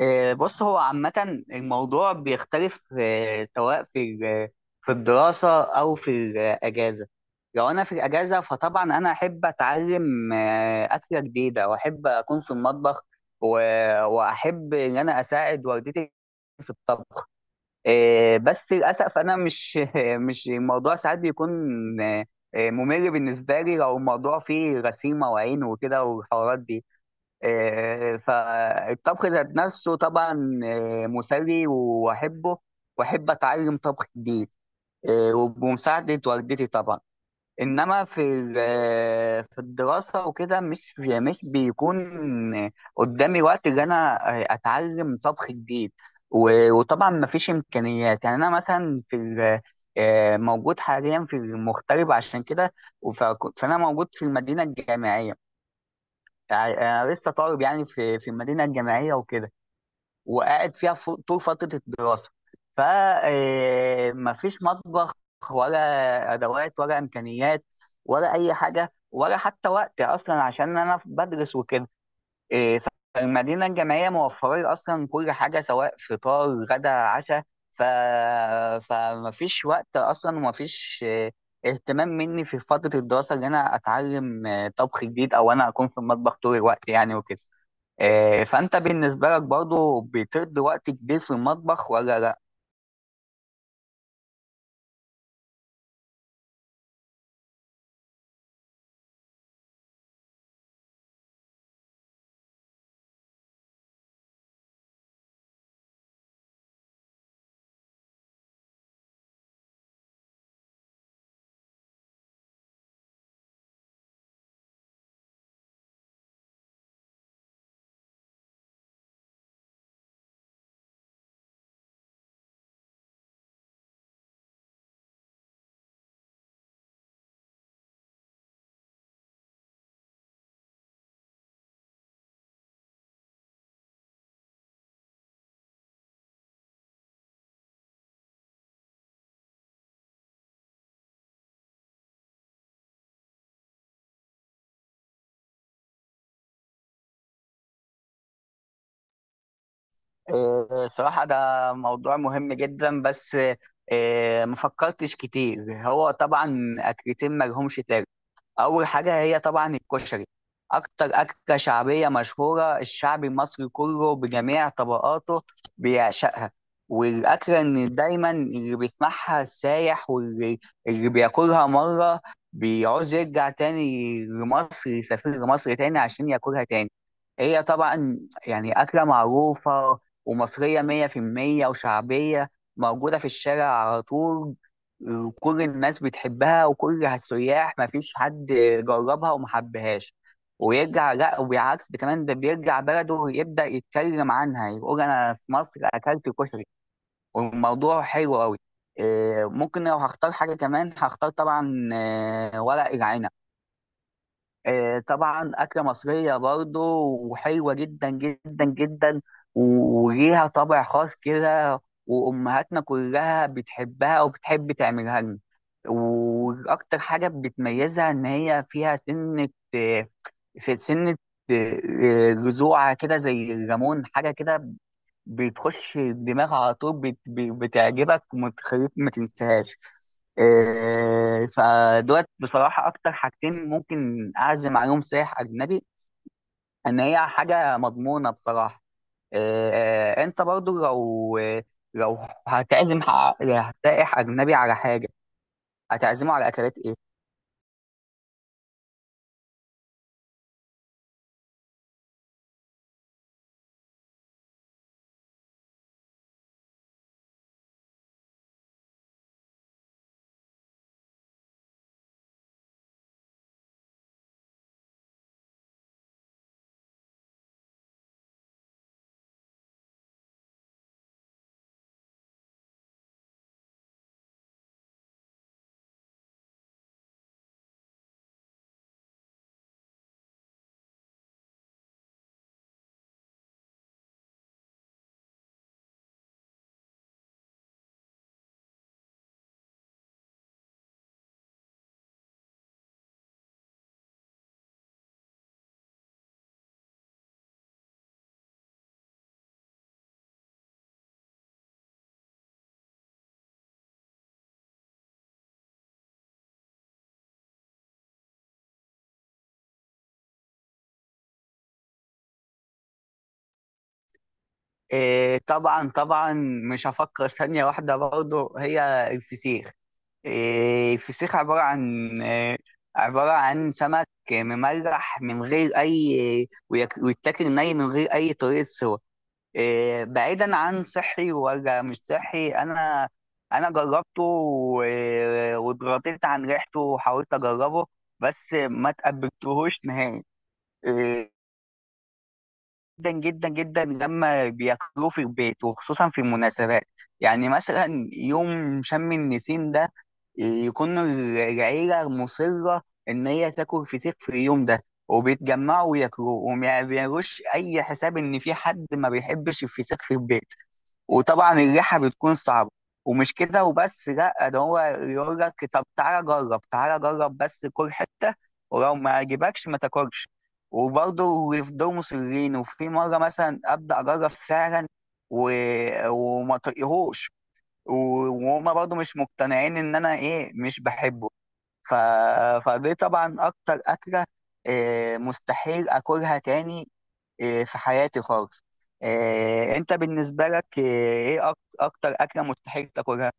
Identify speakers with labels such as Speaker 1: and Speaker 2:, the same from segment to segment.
Speaker 1: بص، هو عامة الموضوع بيختلف سواء في في الدراسة أو في الأجازة. لو أنا في الأجازة فطبعا أنا أحب أتعلم أكلة جديدة وأحب أكون في المطبخ. و- وأحب إن أنا أساعد والدتي في الطبخ. بس للأسف أنا مش مش الموضوع ساعات بيكون آه، ممل بالنسبة لي، لو الموضوع فيه غسيمة وعين وكده والحوارات دي. فالطبخ ذات نفسه طبعا مسلي واحبه، واحب اتعلم طبخ جديد. وبمساعده والدتي طبعا. انما في في الدراسه وكده مش بيكون قدامي وقت ان انا اتعلم طبخ جديد. وطبعا مفيش امكانيات، يعني انا مثلا في موجود حاليا في المغترب عشان كده. وف- فانا موجود في المدينه الجامعيه، يعني انا لسه طالب، يعني في المدينه الجامعيه وكده، وقاعد فيها طول فتره الدراسه. ف مفيش مطبخ ولا ادوات ولا امكانيات ولا اي حاجه، ولا حتى وقت اصلا عشان انا بدرس وكده. إيه، فالمدينة الجامعية موفرة أصلا كل حاجة، سواء فطار غدا عشاء. ف... فمفيش وقت أصلا ومفيش إيه، اهتمام مني في فترة الدراسة إن أنا أتعلم إيه، طبخ جديد، أو أنا أكون في المطبخ طول الوقت يعني وكده. إيه، فأنت بالنسبة لك برضو بتقضي وقت كبير في المطبخ ولا لأ؟ إيه، صراحة ده موضوع مهم جدا، بس إيه، مفكرتش كتير. هو طبعا أكلتين ملهمش تاج. اول حاجه هي طبعا الكشري، اكتر اكله شعبيه مشهوره، الشعب المصري كله بجميع طبقاته بيعشقها. والاكله ان دايما اللي بيسمعها السايح، اللي بياكلها مره بيعوز يرجع تاني لمصر، يسافر لمصر تاني عشان ياكلها تاني. هي طبعا يعني اكله معروفه ومصريه 100% وشعبيه، موجوده في الشارع على طول. كل الناس بتحبها وكل السياح، ما فيش حد جربها وما حبهاش ويرجع لا، وبالعكس، ده كمان ده بيرجع بلده ويبدأ يتكلم عنها، يقول انا في مصر اكلت كشري والموضوع حلو قوي. ممكن لو هختار حاجة كمان هختار طبعا ورق العنب. طبعا أكلة مصرية برضو، وحلوة جدا جدا جدا، وليها طابع خاص كده، وأمهاتنا كلها بتحبها وبتحب تعملها لنا. وأكتر حاجة بتميزها إن هي فيها سنة، آه، في سنة، آه، جذوع كده زي الليمون حاجة كده، بتخش الدماغ على طول، بتعجبك ومتخليك ما تنساهاش. إيه، فدوت بصراحة أكتر حاجتين ممكن أعزم عليهم سائح أجنبي، إن هي حاجة مضمونة بصراحة. إيه، أنت برضو لو هتعزم سائح أجنبي على حاجة، هتعزمه على أكلات إيه؟ إيه، طبعا طبعا مش هفكر ثانية واحدة، برضو هي الفسيخ. إيه، الفسيخ عبارة عن إيه، عبارة عن سمك مملح من غير أي، ويتاكل ني من غير أي طريقة سوى. إيه، بعيدا عن صحي ولا مش صحي، أنا جربته واتغطيت عن ريحته وحاولت أجربه، بس ما تقبلتهوش نهائي. آه، جدا جدا جدا لما بياكلوه في البيت وخصوصا في المناسبات، يعني مثلا يوم شم النسيم ده يكون العيلة مصرة إن هي تاكل فسيخ في اليوم ده، وبيتجمعوا وياكلوه وما بيعملوش أي حساب إن في حد ما بيحبش الفسيخ في البيت. وطبعا الريحه بتكون صعبه، ومش كده وبس، لا ده هو يقول لك طب تعالى جرب تعالى جرب بس كل حته، ولو ما عجبكش ما تاكلش. وبرضه يفضلوا مصرين، وفي مره مثلا ابدا اجرب فعلا و... وما طقيهوش، وهما برضه مش مقتنعين ان انا ايه مش بحبه. ف... فدي طبعا اكتر اكله إيه مستحيل اكلها تاني، إيه، في حياتي خالص. إيه، انت بالنسبه لك ايه اكتر اكله مستحيل تاكلها؟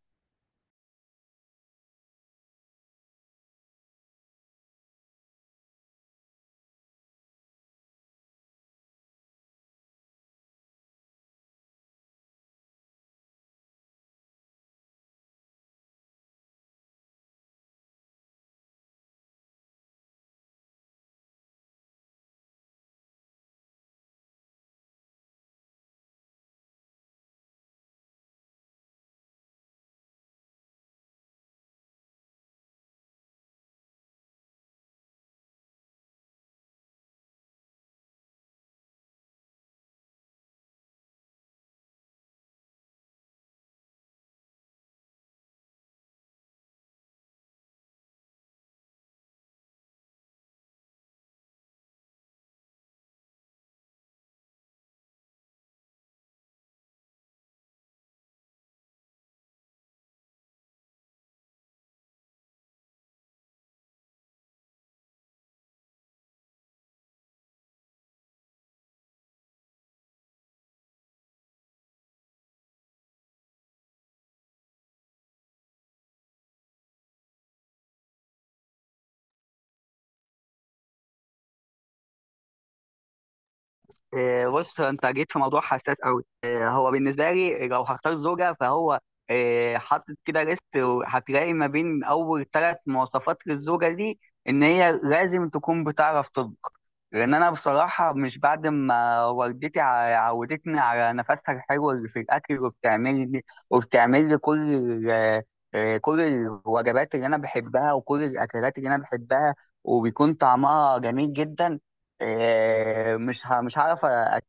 Speaker 1: إيه، بص انت جيت في موضوع حساس قوي. إيه، هو بالنسبه لي لو هختار زوجه، فهو إيه، حاطط كده ليست، وهتلاقي ما بين اول ثلاث مواصفات للزوجه دي ان هي لازم تكون بتعرف تطبخ. لان انا بصراحه مش، بعد ما والدتي عودتني على نفسها الحلو اللي في الاكل، وبتعمل لي إيه، كل الوجبات اللي انا بحبها وكل الاكلات اللي انا بحبها، وبيكون طعمها جميل جدا. مش هعرف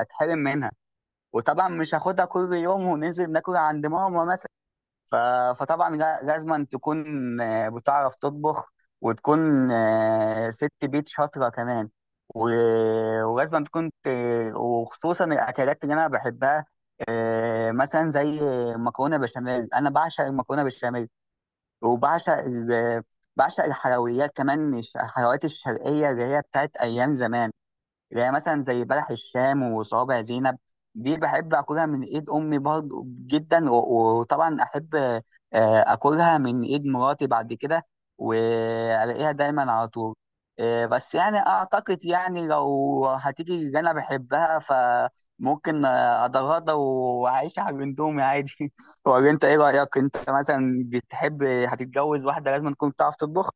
Speaker 1: اتحرم منها. وطبعا مش هاخدها كل يوم وننزل ناكل عند ماما مثلا. ف- فطبعا لازم تكون بتعرف تطبخ، وتكون ست بيت شاطرة كمان. ولازم تكون وخصوصا الأكلات اللي أنا بحبها، مثلا زي مكرونة بشاميل. أنا بعشق المكرونة بالبشاميل، وبعشق ال- بعشق الحلويات كمان، الحلويات الشرقية اللي هي بتاعت أيام زمان، يعني مثلا زي بلح الشام وصوابع زينب. دي بحب اكلها من ايد امي برضه جدا، وطبعا احب اكلها من ايد مراتي بعد كده، والاقيها دايما على طول. بس يعني اعتقد، يعني لو هتيجي اللي انا بحبها، فممكن اتغاضى واعيش على الاندومي عادي ولا انت ايه رايك، انت مثلا بتحب هتتجوز واحده لازم تكون بتعرف تطبخ؟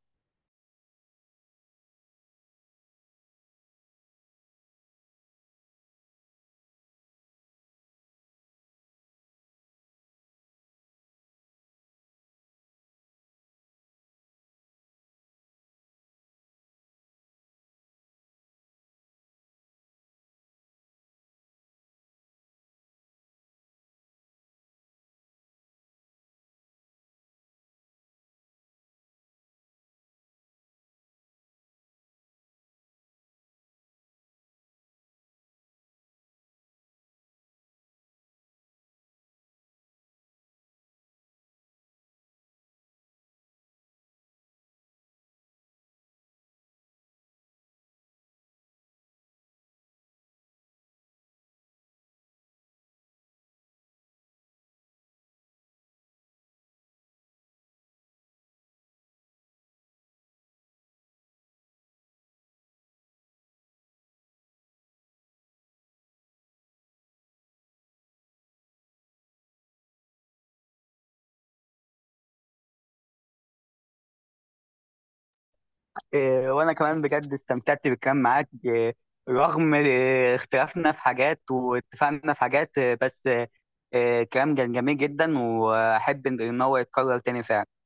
Speaker 1: إيه، وانا كمان بجد استمتعت بالكلام معاك. إيه، رغم إيه، اختلافنا في حاجات واتفقنا في حاجات، إيه، بس إيه، إيه، كلام كان جميل جدا، واحب ان إن هو يتكرر تاني فعلا.